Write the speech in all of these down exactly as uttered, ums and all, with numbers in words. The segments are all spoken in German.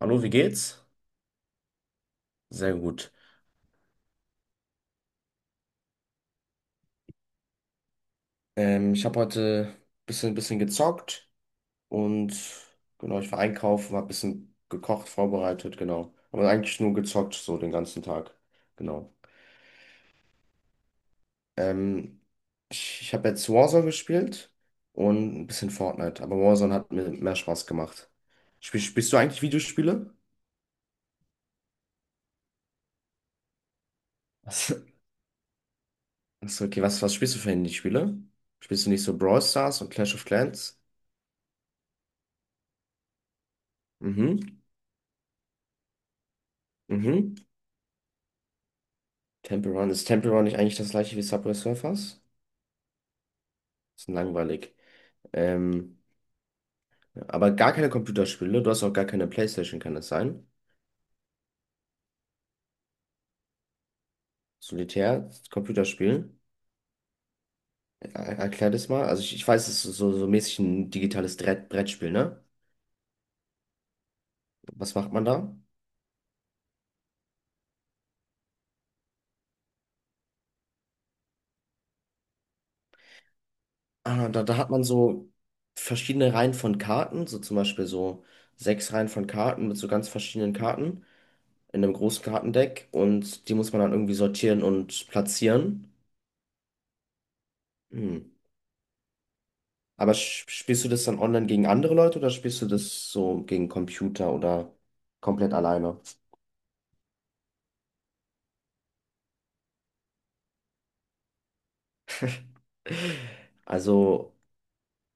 Hallo, wie geht's? Sehr gut. Ähm, ich habe heute ein bisschen, bisschen gezockt und genau, ich war einkaufen, habe ein bisschen gekocht, vorbereitet, genau. Aber eigentlich nur gezockt, so den ganzen Tag. Genau. Ähm, ich ich habe jetzt Warzone gespielt und ein bisschen Fortnite, aber Warzone hat mir mehr Spaß gemacht. Spiel, spielst du eigentlich Videospiele? Was? Achso, okay, was, was spielst du für Handyspiele? Spielst du nicht so Brawl Stars und Clash of Clans? Mhm, mhm. Temple Run. Ist Temple Run nicht eigentlich das gleiche wie Subway Surfers? Ist langweilig. Ähm, aber gar keine Computerspiele. Du hast auch gar keine PlayStation, kann das sein? Solitär, Computerspiel. Er erklär das mal. Also ich, ich weiß, es ist so, so mäßig ein digitales Dre- Brettspiel, ne? Was macht man da? Ah, da, da hat man so verschiedene Reihen von Karten, so zum Beispiel so sechs Reihen von Karten mit so ganz verschiedenen Karten in einem großen Kartendeck und die muss man dann irgendwie sortieren und platzieren. Hm. Aber sch- spielst du das dann online gegen andere Leute oder spielst du das so gegen Computer oder komplett alleine? Also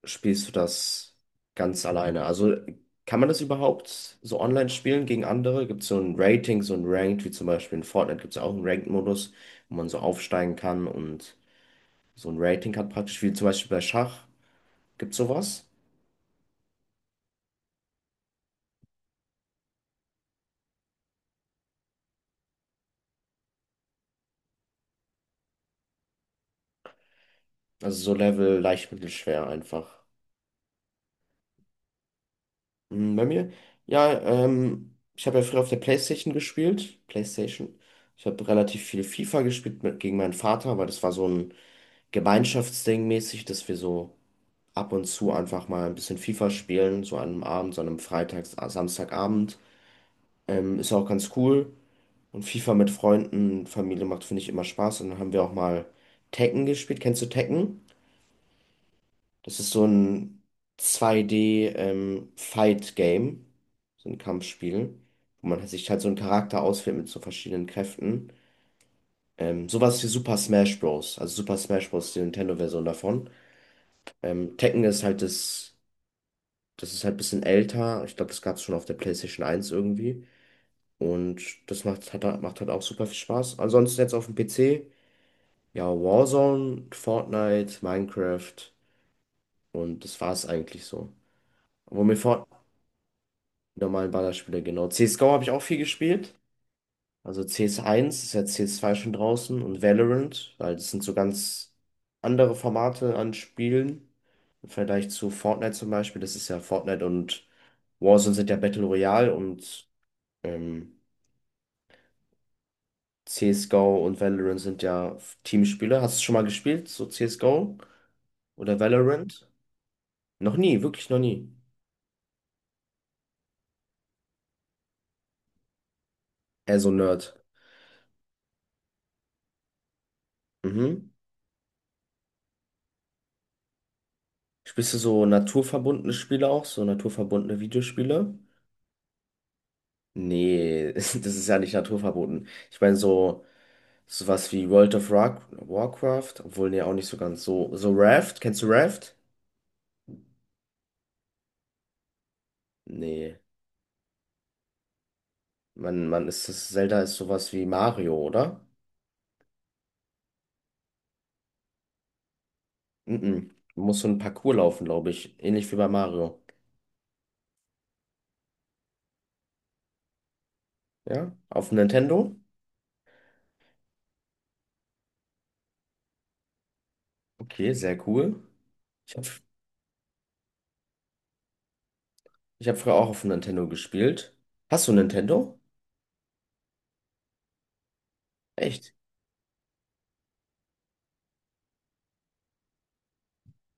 spielst du das ganz alleine? Also kann man das überhaupt so online spielen gegen andere? Gibt es so ein Rating, so ein Ranked, wie zum Beispiel in Fortnite gibt es ja auch einen Ranked-Modus, wo man so aufsteigen kann und so ein Rating hat praktisch, wie zum Beispiel bei Schach. Gibt es sowas? Also so Level leicht, mittel, schwer einfach. Hm, bei mir? Ja, ähm, ich habe ja früher auf der PlayStation gespielt. PlayStation. Ich habe relativ viel FIFA gespielt mit, gegen meinen Vater, weil das war so ein Gemeinschaftsding mäßig, dass wir so ab und zu einfach mal ein bisschen FIFA spielen, so an einem Abend, so an einem Freitags-, äh, Samstagabend. Ähm, ist auch ganz cool. Und FIFA mit Freunden, Familie macht, finde ich, immer Spaß. Und dann haben wir auch mal Tekken gespielt. Kennst du Tekken? Das ist so ein zwei D-Fight-Game, so ein Kampfspiel, wo man sich halt so einen Charakter auswählt mit so verschiedenen Kräften. Ähm, sowas wie Super Smash Bros. Also Super Smash Bros. Ist die Nintendo-Version davon. Ähm, Tekken ist halt das, das ist halt ein bisschen älter. Ich glaube, das gab es schon auf der PlayStation eins irgendwie. Und das macht, hat, halt- macht halt auch super viel Spaß. Ansonsten jetzt auf dem P C, ja, Warzone, Fortnite, Minecraft und das war's eigentlich so. Wo mir Fort Die normalen Ballerspiele, genau. C S G O habe ich auch viel gespielt. Also C S eins ist ja C S zwei schon draußen und Valorant, weil das sind so ganz andere Formate an Spielen. Im Vergleich zu Fortnite zum Beispiel. Das ist ja Fortnite und Warzone sind ja Battle Royale und ähm, C S G O und Valorant sind ja Teamspiele. Hast du schon mal gespielt, so C S G O oder Valorant? Noch nie, wirklich noch nie. Eher so Nerd. Mhm. Spielst du so naturverbundene Spiele auch, so naturverbundene Videospiele? Nee, das ist ja nicht naturverboten. Ich meine, so sowas wie World of Rock, Warcraft, obwohl nee, auch nicht so ganz so. So Raft, kennst du Raft? Nee, man, man ist das, Zelda ist sowas wie Mario, oder? Mhm. Man muss so ein Parcours laufen, glaube ich. Ähnlich wie bei Mario. Ja? Auf dem Nintendo? Okay, sehr cool. Ich habe ich hab früher auch auf dem Nintendo gespielt. Hast du ein Nintendo? Echt?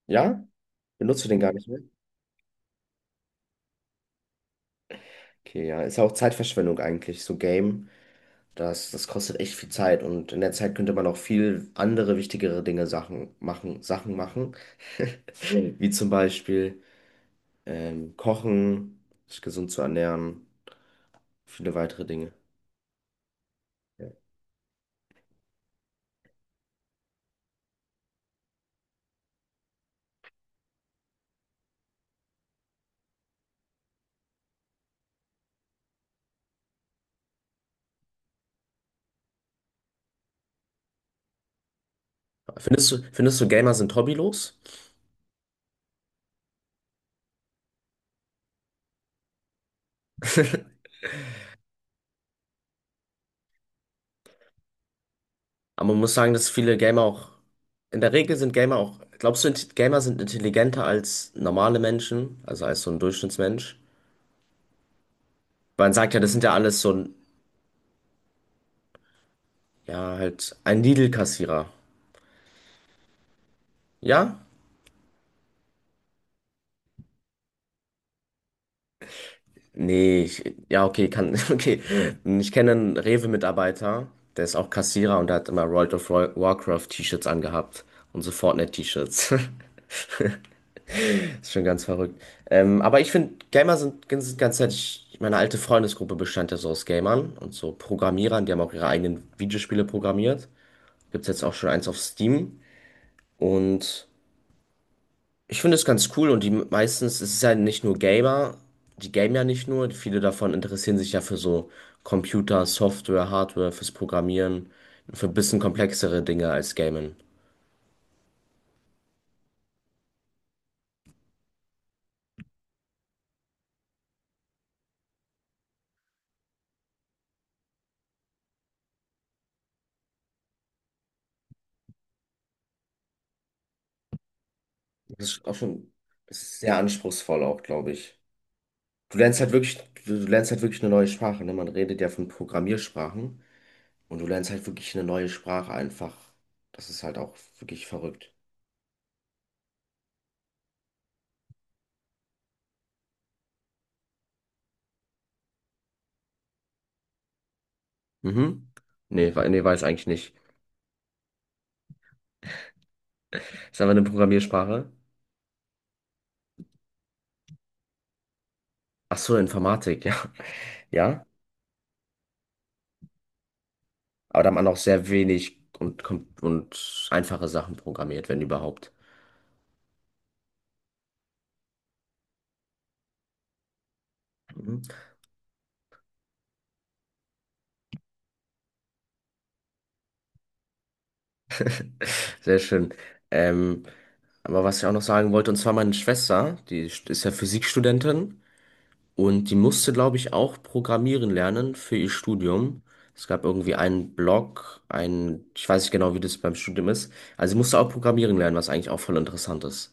Ja? Benutzt du den gar nicht mehr? Okay, ja. Ist ja auch Zeitverschwendung eigentlich, so Game. Das, das kostet echt viel Zeit und in der Zeit könnte man auch viel andere wichtigere Dinge Sachen machen, Sachen machen, wie zum Beispiel ähm, kochen, sich gesund zu ernähren, viele weitere Dinge. Findest du, findest du, Gamer sind hobbylos? Aber man muss sagen, dass viele Gamer auch, in der Regel sind Gamer auch, glaubst du, int- Gamer sind intelligenter als normale Menschen, also als so ein Durchschnittsmensch? Man sagt ja, das sind ja alles so ein, ja, halt ein Lidl-Kassierer. Ja? Nee, ich, ja, okay, kann, okay. Ich kenne einen Rewe-Mitarbeiter, der ist auch Kassierer und der hat immer World of War- Warcraft-T-Shirts angehabt und so Fortnite-T-Shirts. Ist schon ganz verrückt. Ähm, aber ich finde, Gamer sind, sind ganz nett. Ich, meine alte Freundesgruppe bestand ja so aus Gamern und so Programmierern, die haben auch ihre eigenen Videospiele programmiert. Gibt's jetzt auch schon eins auf Steam. Und ich finde es ganz cool und die meistens, es ist ja nicht nur Gamer, die gamen ja nicht nur, viele davon interessieren sich ja für so Computer, Software, Hardware, fürs Programmieren, für ein bisschen komplexere Dinge als Gamen. Das ist auch schon, es ist sehr anspruchsvoll auch, glaube ich. Du lernst halt wirklich, du, du lernst halt wirklich eine neue Sprache, ne? Man redet ja von Programmiersprachen und du lernst halt wirklich eine neue Sprache einfach. Das ist halt auch wirklich verrückt. Mhm. Nee, we- nee, weiß eigentlich nicht. Ist aber eine Programmiersprache. Ach so, Informatik, ja. Ja. Aber da hat man auch sehr wenig und, kom- und einfache Sachen programmiert, wenn überhaupt. Mhm. Sehr schön. Ähm, aber was ich auch noch sagen wollte, und zwar meine Schwester, die ist ja Physikstudentin und die musste, glaube ich, auch programmieren lernen für ihr Studium. Es gab irgendwie einen Blog, ein, ich weiß nicht genau, wie das beim Studium ist. Also sie musste auch programmieren lernen, was eigentlich auch voll interessant ist.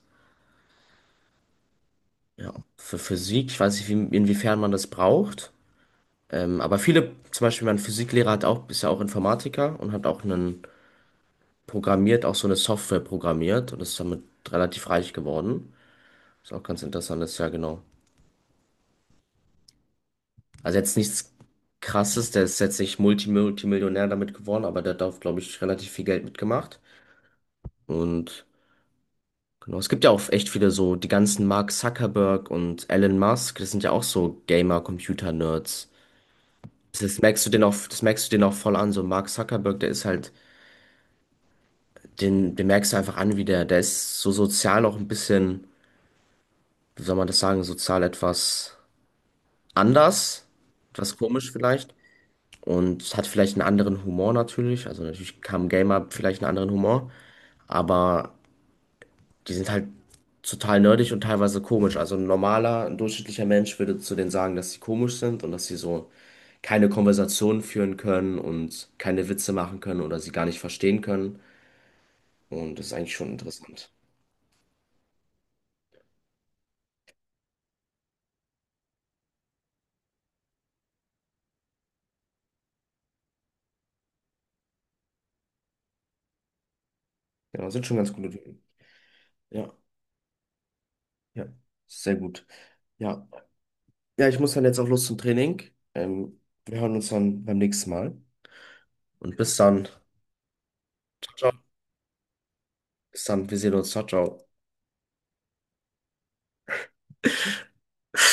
Ja. Für Physik, ich weiß nicht, wie, inwiefern man das braucht. Ähm, aber viele, zum Beispiel mein Physiklehrer hat auch, ist ja auch Informatiker und hat auch einen programmiert, auch so eine Software programmiert und ist damit relativ reich geworden. Ist auch ganz interessant, ist ja genau. Also jetzt nichts Krasses, der ist jetzt nicht Multi Multimillionär damit geworden, aber der hat auch, glaube ich, relativ viel Geld mitgemacht. Und genau, es gibt ja auch echt viele so, die ganzen Mark Zuckerberg und Elon Musk, das sind ja auch so Gamer-Computer-Nerds. Das merkst du den auch, das merkst du den auch voll an, so Mark Zuckerberg, der ist halt. Den, den merkst du einfach an, wie der, der ist so sozial auch ein bisschen, wie soll man das sagen, sozial etwas anders, etwas komisch vielleicht. Und hat vielleicht einen anderen Humor natürlich. Also natürlich haben Gamer vielleicht einen anderen Humor, aber die sind halt total nerdig und teilweise komisch. Also ein normaler, ein durchschnittlicher Mensch würde zu denen sagen, dass sie komisch sind und dass sie so keine Konversationen führen können und keine Witze machen können oder sie gar nicht verstehen können. Und das ist eigentlich schon interessant. Ja, sind schon ganz gute Typen. Ja. Ja, sehr gut. Ja. Ja, ich muss dann jetzt auch los zum Training. Ähm, wir hören uns dann beim nächsten Mal. Und bis dann. Ciao, ciao. Bis dann. Wir sehen uns. Ciao, ciao.